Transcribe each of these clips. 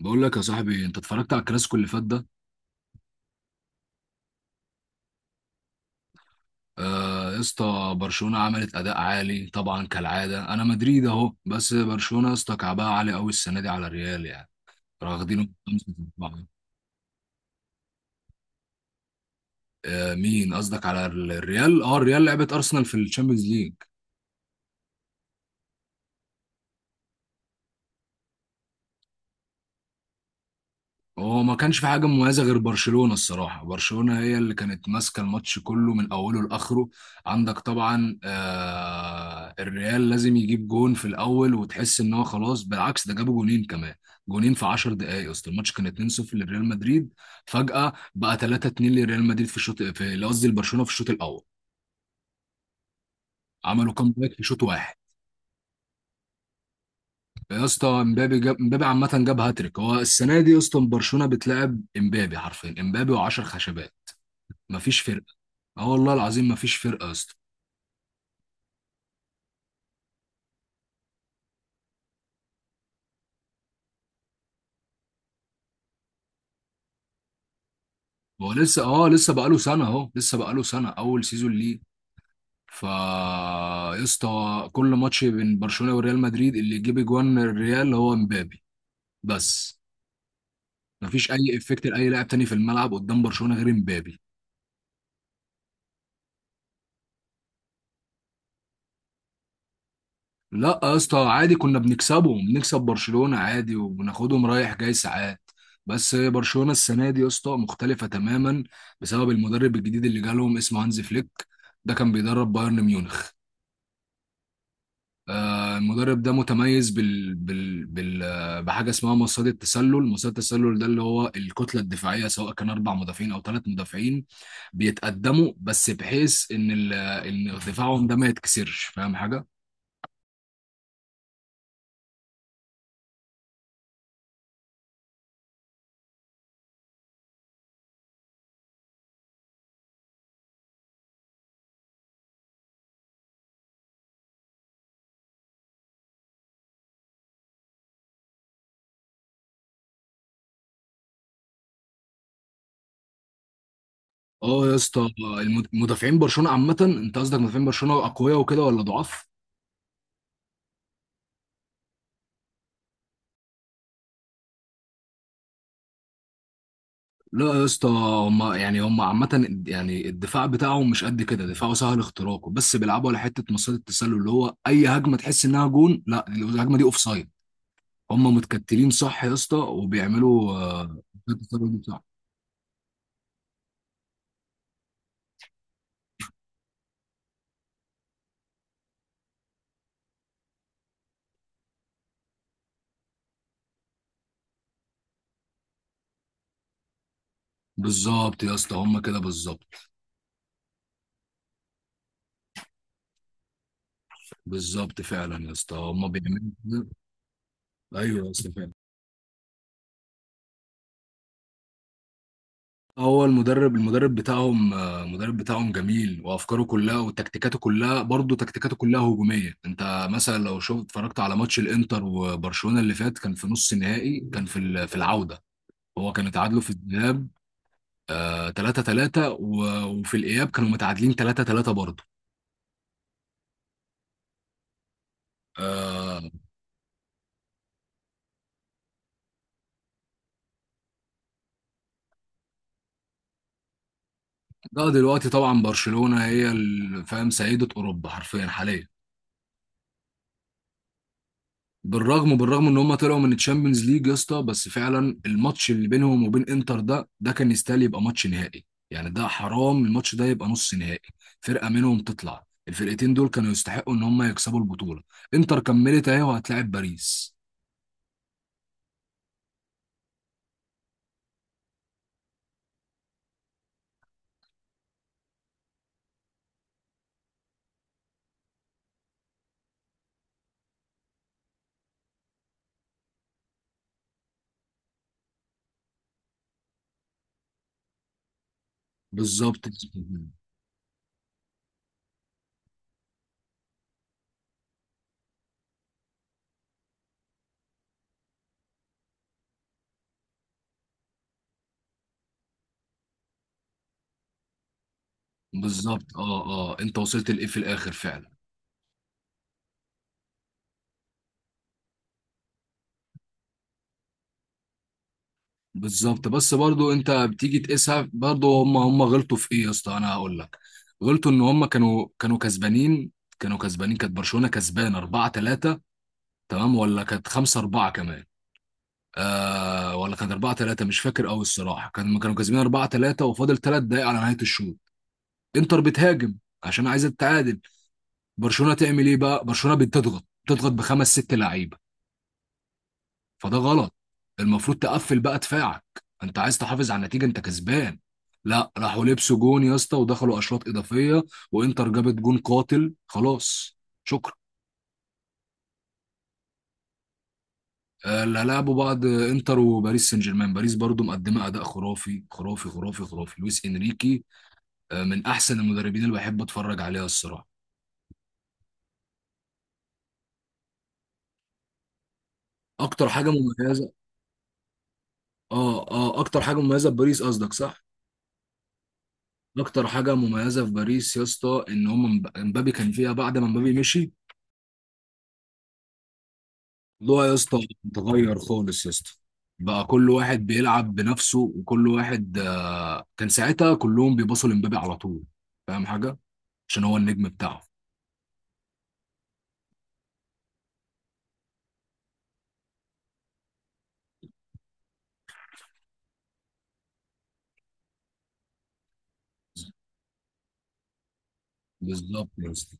بقول لك يا صاحبي، انت اتفرجت على الكلاسيكو اللي فات ده؟ آه يا اسطى، برشلونه عملت اداء عالي طبعا كالعاده. انا مدريد اهو، بس برشلونه يا اسطى كعبها عالي قوي السنه دي على الريال يعني. واخدينه 5-4. آه مين قصدك؟ على الريال. اه الريال لعبت ارسنال في الشامبيونز ليج. هو ما كانش في حاجه مميزه غير برشلونه الصراحه. برشلونه هي اللي كانت ماسكه الماتش كله من اوله لاخره. عندك طبعا، آه الريال لازم يجيب جون في الاول وتحس ان هو خلاص، بالعكس ده جابوا جونين كمان. جونين في 10 دقائق، اصل الماتش كان 2-0 لريال مدريد، فجاه بقى 3-2 لريال مدريد في الشوط، قصدي لبرشلونه في الشوط الاول. عملوا كامباك في شوط واحد. يا اسطى امبابي جاب، امبابي عامه جاب هاتريك. هو السنه دي يا اسطى برشلونه بتلعب امبابي حرفيا، امبابي و10 خشبات، مفيش فرق. اه والله العظيم ما فيش فرقه يا اسطى. هو لسه بقاله سنه اهو، لسه بقاله سنه اول سيزون ليه. فا يا اسطى كل ماتش بين برشلونه وريال مدريد اللي يجيب جوان الريال هو مبابي بس. ما فيش اي افكت لاي لاعب تاني في الملعب قدام برشلونه غير مبابي. لا يا اسطى عادي، كنا بنكسب برشلونه عادي وبناخدهم رايح جاي ساعات. بس برشلونه السنه دي يا اسطى مختلفه تماما، بسبب المدرب الجديد اللي جالهم اسمه هانز فليك. ده كان بيدرب بايرن ميونخ. المدرب ده متميز بال... بال... بال... آه، بحاجه اسمها مصيدة التسلل. مصيدة التسلل ده اللي هو الكتله الدفاعيه، سواء كان اربع مدافعين او ثلاث مدافعين بيتقدموا، بس بحيث ان ال... آه، ان دفاعهم ده ما يتكسرش، فاهم حاجه؟ اه يا اسطى، مدافعين برشلونه عامه، انت قصدك مدافعين برشلونه اقوياء وكده ولا ضعاف؟ لا يا اسطى، هم يعني، هم عامة يعني الدفاع بتاعهم مش قد كده، دفاعه سهل اختراقه، بس بيلعبوا على حتة مصيدة التسلل اللي هو أي هجمة تحس إنها جون، لا الهجمة دي أوف سايد. هم متكتلين صح يا اسطى، وبيعملوا التسلل صح. بالظبط يا اسطى هم كده بالظبط. بالظبط فعلا يا اسطى هم بيعملوا كده. ايوه يا اسطى فعلا. هو المدرب بتاعهم، المدرب بتاعهم جميل وافكاره كلها وتكتيكاته كلها، برضه تكتيكاته كلها هجوميه. انت مثلا لو شفت، اتفرجت على ماتش الانتر وبرشلونه اللي فات، كان في نص النهائي، كان في العوده. هو كان اتعادلوا في الذهاب 3 3، وفي الاياب كانوا متعادلين 3 3 برضه. آه، لا دلوقتي طبعا برشلونة هي فاهم، سيدة اوروبا حرفيا حاليا. بالرغم ان هم طلعوا من الشامبيونز ليج يا اسطى، بس فعلا الماتش اللي بينهم وبين انتر ده كان يستاهل يبقى ماتش نهائي. يعني ده حرام الماتش ده يبقى نص نهائي. فرقة منهم تطلع، الفرقتين دول كانوا يستحقوا ان هم يكسبوا البطولة. انتر كملت اهي وهتلاعب باريس. بالظبط. بالظبط اه انت وصلت لايه في الاخر فعلا. بالظبط، بس برضو انت بتيجي تقيسها، برضو هم غلطوا في ايه يا اسطى، انا هقول لك. غلطوا ان هم كانوا كسبانين. كانوا كسبانين، كانت برشلونة كسبان 4 3، تمام، ولا كانت 5 4 كمان؟ آه ولا كانت 4 3 مش فاكر قوي الصراحة. كانوا كسبانين 4 3، وفاضل 3 دقايق على نهاية الشوط. انتر بتهاجم عشان عايزة تتعادل. برشلونة تعمل ايه بقى؟ برشلونة بتضغط بخمس ست لعيبة، فده غلط. المفروض تقفل بقى دفاعك، انت عايز تحافظ على النتيجه، انت كسبان. لا راحوا لبسوا جون يا اسطى، ودخلوا اشواط اضافيه، وانتر جابت جون قاتل خلاص. شكرا. لا لعبوا بعض انتر وباريس سان جيرمان. باريس برضو مقدمه اداء خرافي خرافي خرافي خرافي. لويس انريكي، من احسن المدربين اللي بحب اتفرج عليها الصراحه. اكتر حاجه مميزه، اه اكتر حاجه مميزه في باريس قصدك صح؟ اكتر حاجه مميزه في باريس يا اسطى ان هم امبابي كان فيها. بعد ما امبابي مشي الموضوع يا اسطى اتغير خالص يا اسطى. بقى كل واحد بيلعب بنفسه، وكل واحد آه، كان ساعتها كلهم بيبصوا لمبابي على طول، فاهم حاجه؟ عشان هو النجم بتاعهم. بالظبط يا اسطى.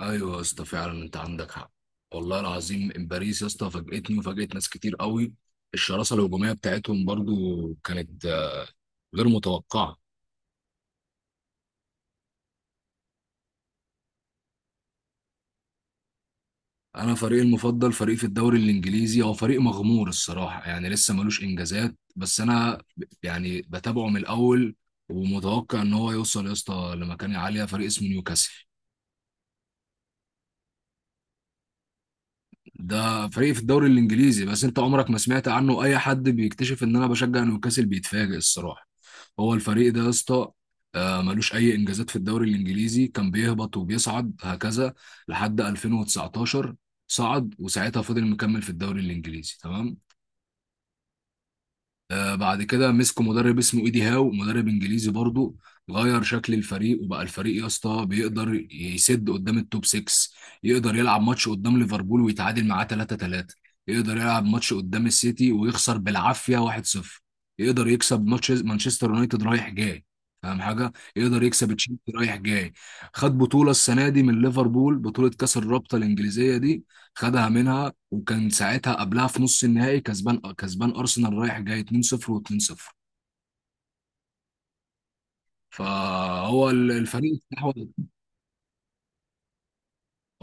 ايوه يا اسطى فعلا انت عندك حق. والله العظيم إن باريس يا اسطى فاجئتني وفاجئت ناس كتير قوي. الشراسه الهجوميه بتاعتهم برضو كانت، غير متوقعه. انا فريقي المفضل، فريق في الدوري الانجليزي، هو فريق مغمور الصراحه، يعني لسه ملوش انجازات، بس انا يعني بتابعه من الاول، ومتوقع ان هو يوصل يا اسطى لمكانه عاليه. فريق اسمه نيوكاسل. ده فريق في الدوري الانجليزي، بس انت عمرك ما سمعت عنه. اي حد بيكتشف ان انا بشجع نيوكاسل بيتفاجئ الصراحه. هو الفريق ده يا اسطى، ملوش اي انجازات في الدوري الانجليزي، كان بيهبط وبيصعد هكذا لحد 2019 صعد. وساعتها فضل مكمل في الدوري الانجليزي تمام. بعد كده مسكوا مدرب اسمه ايدي هاو، مدرب انجليزي برضه، غير شكل الفريق. وبقى الفريق يا اسطى بيقدر يسد قدام التوب 6. يقدر يلعب ماتش قدام ليفربول ويتعادل معاه 3 3، يقدر يلعب ماتش قدام السيتي ويخسر بالعافيه 1 0، يقدر يكسب ماتش مانشستر يونايتد رايح جاي، فاهم حاجه، يقدر يكسب تشيلسي رايح جاي. خد بطوله السنه دي من ليفربول، بطوله كاس الرابطه الانجليزيه دي، خدها منها. وكان ساعتها قبلها في نص النهائي كسبان ارسنال رايح جاي 2-0 و2-0. فهو الفريق استحوذ.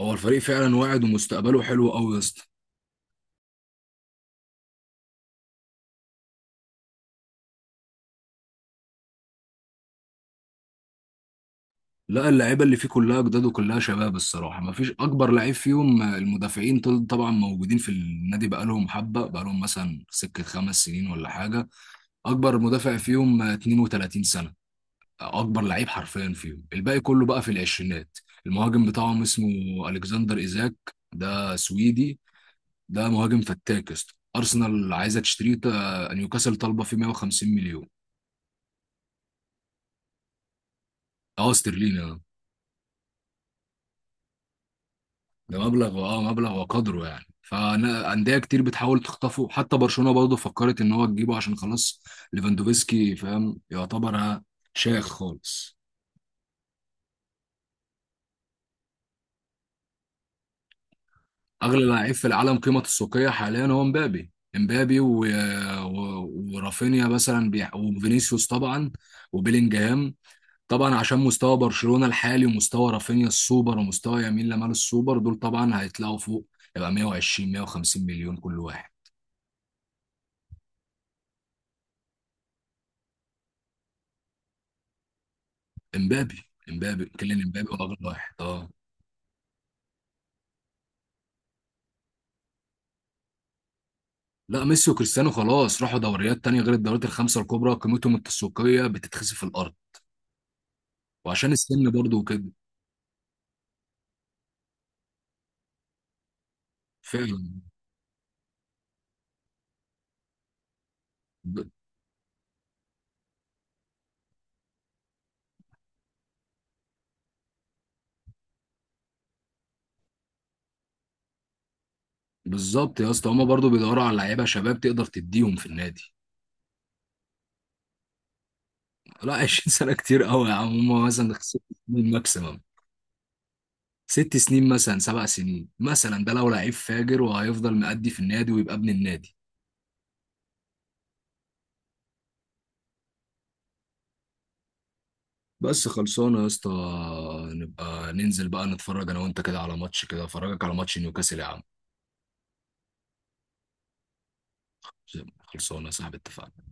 هو الفريق فعلا واعد ومستقبله حلو قوي يا اسطى. لا اللعيبه اللي فيه كلها جداد وكلها شباب الصراحه، ما فيش اكبر لعيب فيهم. المدافعين طبعا موجودين في النادي بقالهم حبه، بقالهم مثلا سكه 5 سنين ولا حاجه. اكبر مدافع فيهم 32 سنه، اكبر لعيب حرفيا فيهم. الباقي كله بقى في العشرينات. المهاجم بتاعهم اسمه الكسندر ايزاك، ده سويدي، ده مهاجم فتاك يا اسطى. ارسنال عايزه تشتريه، نيوكاسل طالبه فيه 150 مليون. اه استرليني اه. ده مبلغ، اه مبلغ وقدره يعني. فانديه كتير بتحاول تخطفه، حتى برشلونه برضه فكرت ان هو تجيبه، عشان خلاص ليفاندوفسكي فاهم يعتبر، ها، شايخ خالص. اغلى لعيب في العالم قيمه السوقيه حاليا هو مبابي، و... ورافينيا مثلا وفينيسيوس طبعا، وبيلينجهام. طبعا عشان مستوى برشلونة الحالي، ومستوى رافينيا السوبر، ومستوى يمين لمال السوبر، دول طبعا هيطلعوا فوق، يبقى 120 150 مليون كل واحد. امبابي، كيليان امبابي هو غير واحد اه. لا ميسي وكريستيانو خلاص راحوا دوريات تانية غير الدوريات الخمسة الكبرى، قيمتهم التسويقية بتتخسف في الأرض، وعشان السن برضه وكده. فعلا. ب- بالظبط يا اسطى. هما برضه بيدوروا على لعيبة شباب تقدر تديهم في النادي. لا 20 سنة كتير قوي يا عم. هما مثلا خسروا الماكسيمم 6 سنين مثلا، 7 سنين مثلا. ده لو لعيب فاجر، وهيفضل مأدي في النادي ويبقى ابن النادي. بس خلصانه يا اسطى، نبقى ننزل بقى نتفرج انا وانت كده على ماتش، كده افرجك على ماتش نيوكاسل يا عم. خلصانه يا صاحبي اتفقنا.